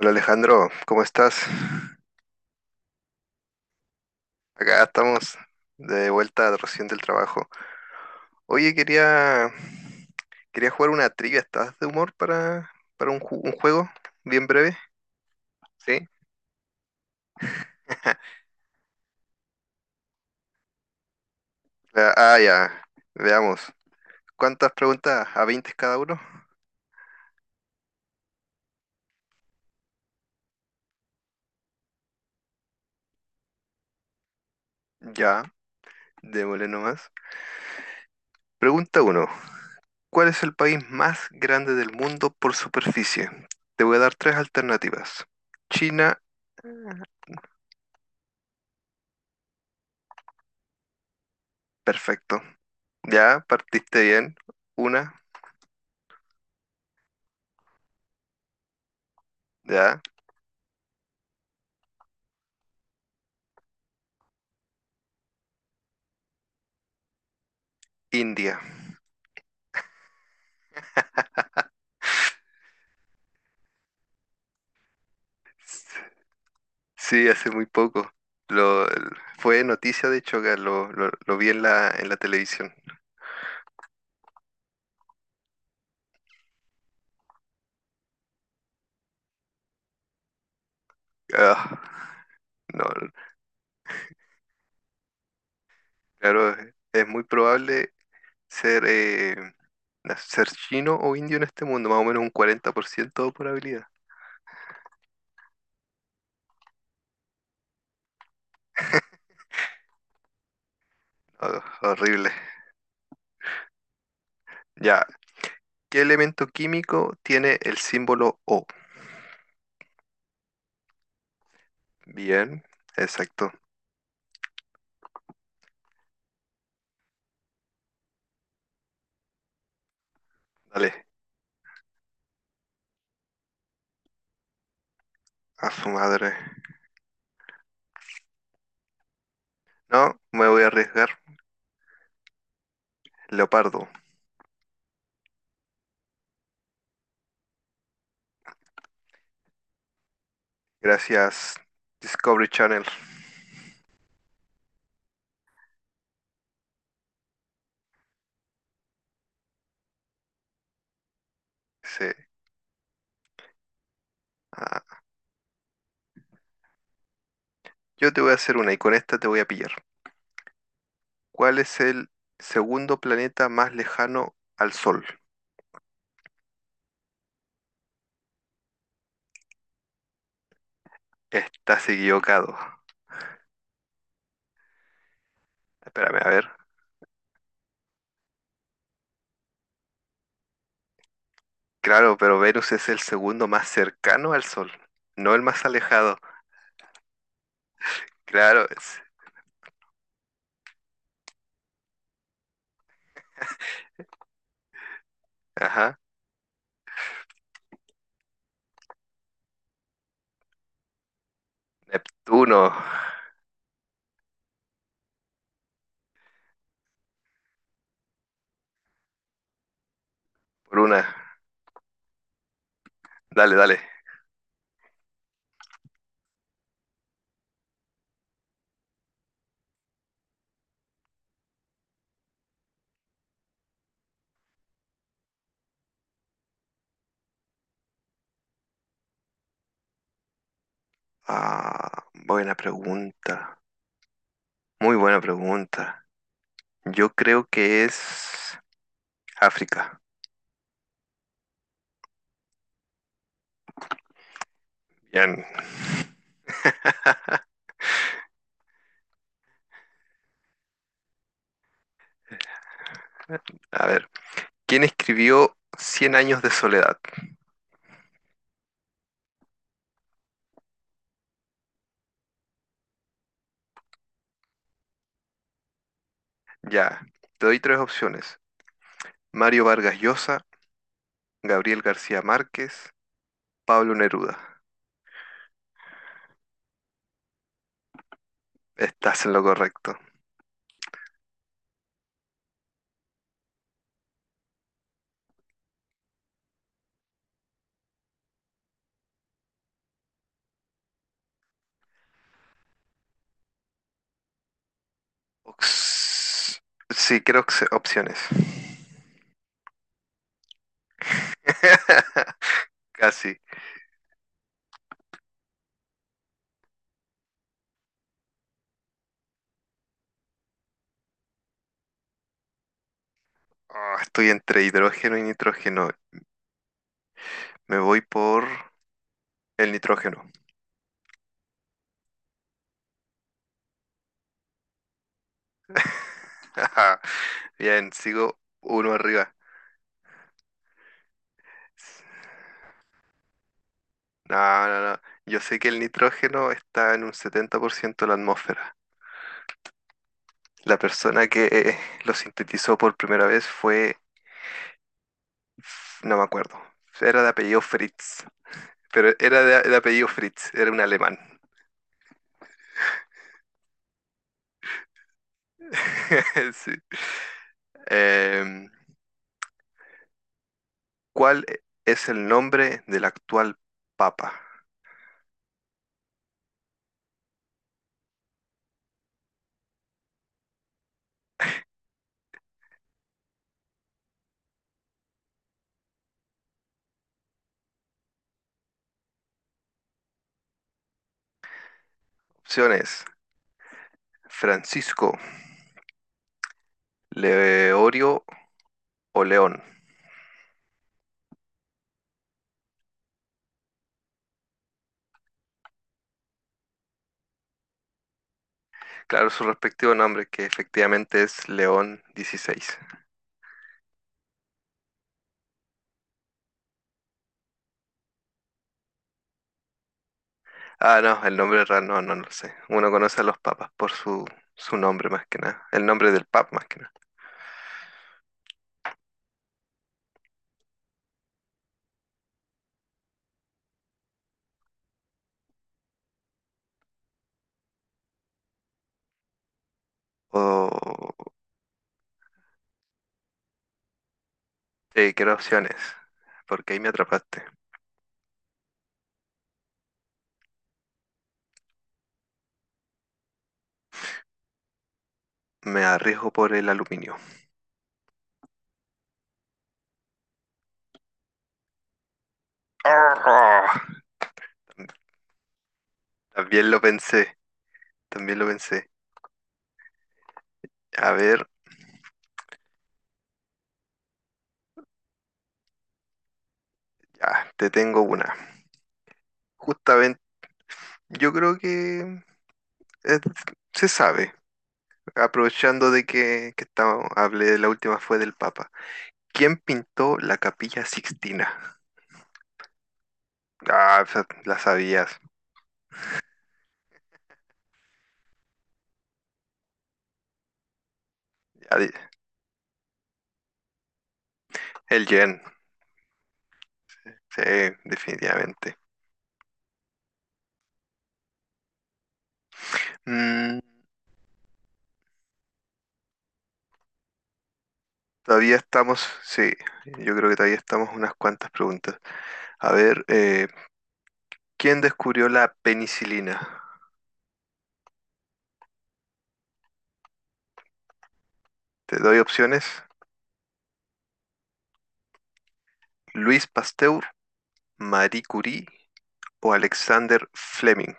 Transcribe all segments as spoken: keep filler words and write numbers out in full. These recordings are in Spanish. Hola Alejandro, ¿cómo estás? Acá estamos de vuelta recién del trabajo. Oye, quería, quería jugar una trivia. ¿Estás de humor para, para un, ju- un juego bien breve? ¿Sí? Ah, ah, ya. Veamos. ¿Cuántas preguntas? ¿A veinte cada uno? Ya, démosle nomás. Pregunta uno. ¿Cuál es el país más grande del mundo por superficie? Te voy a dar tres alternativas. China, perfecto. Ya, partiste bien. Una, ya. India. Sí, hace muy poco. Lo, Fue noticia, de hecho, acá, lo, lo- lo vi en la, en la televisión. Ah, no, claro, es muy probable ser, eh, na- ser chino o indio en este mundo, más o menos un cuarenta por ciento de probabilidad. Ah, horrible. Ya, ¿qué elemento químico tiene el símbolo O? Bien, exacto. Dale, a su madre. No, me voy a arriesgar. Leopardo. Gracias, Discovery Channel. Sí. Ah, yo te voy a hacer una y con esta te voy a pillar. ¿Cuál es el segundo planeta más lejano al Sol? Estás equivocado. Espérame, a ver. Claro, pero Venus es el segundo más cercano al Sol, no el más alejado. Claro, es- ajá. Neptuno, por una. Dale, dale. Ah, buena pregunta. Muy buena pregunta. Yo creo que es África. Bien. A ver. ¿Quién escribió Cien años de soledad? Ya, te doy tres opciones. Mario Vargas Llosa, Gabriel García Márquez, Pablo Neruda. Estás en lo correcto. Ox- Sí, creo que se- opciones. Casi. Ah, estoy entre hidrógeno y nitrógeno. Me voy por el nitrógeno. Ajá. Bien, sigo uno arriba. No, no, no. Yo sé que el nitrógeno está en un setenta por ciento de la atmósfera. La persona que eh, lo sintetizó por primera vez fue, no me acuerdo, era de apellido Fritz, pero era de, de apellido Fritz, era un alemán. Sí. Em, ¿Cuál es el nombre del actual papa? Opciones, Francisco, Leorio o León. Claro, su respectivo nombre, que efectivamente es León dieciséis. Ah, no, el nombre real no, no lo sé. Uno conoce a los papas por su, su nombre más que nada, el nombre del papa más que nada. O eh, Quiero opciones, porque ahí me atrapaste. Me arriesgo por el aluminio. ¡Ah! También lo pensé, también lo pensé. A ver, ya, te tengo una. Justamente, yo creo que eh, se sabe, aprovechando de que, que estamos- hablé, la última fue del Papa. ¿Quién pintó la Capilla Sixtina? Ah, esa la sabías. Ya di- El Jen, sí, definitivamente. Mm, Todavía estamos, sí, yo creo que todavía estamos unas cuantas preguntas. A ver, eh, ¿quién descubrió la penicilina? Te doy opciones. Luis Pasteur, Marie Curie o Alexander Fleming.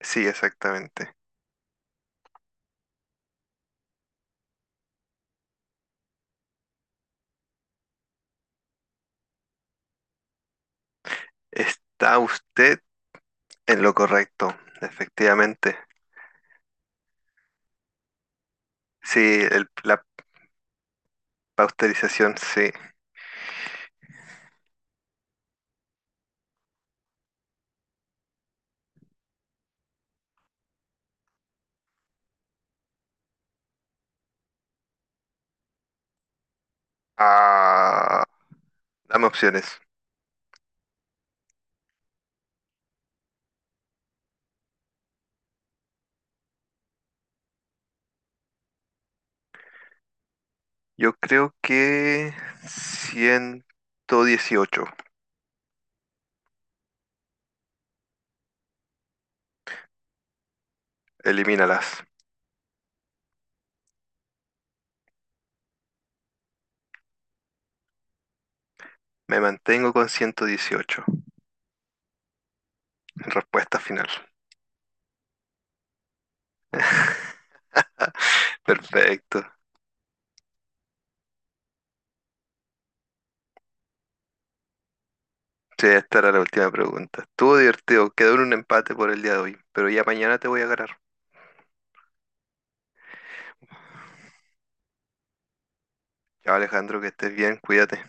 Sí, exactamente. Está usted en lo correcto, efectivamente. Sí, el- la pasteurización, sí. Ah, dame opciones. Yo creo que ciento dieciocho. Elimínalas. Me mantengo con ciento dieciocho. Respuesta final. Perfecto. Sí, esta era la última pregunta. Estuvo divertido. Quedó en un empate por el día de hoy, pero ya mañana te voy a ganar. Ya, Alejandro, que estés bien, cuídate.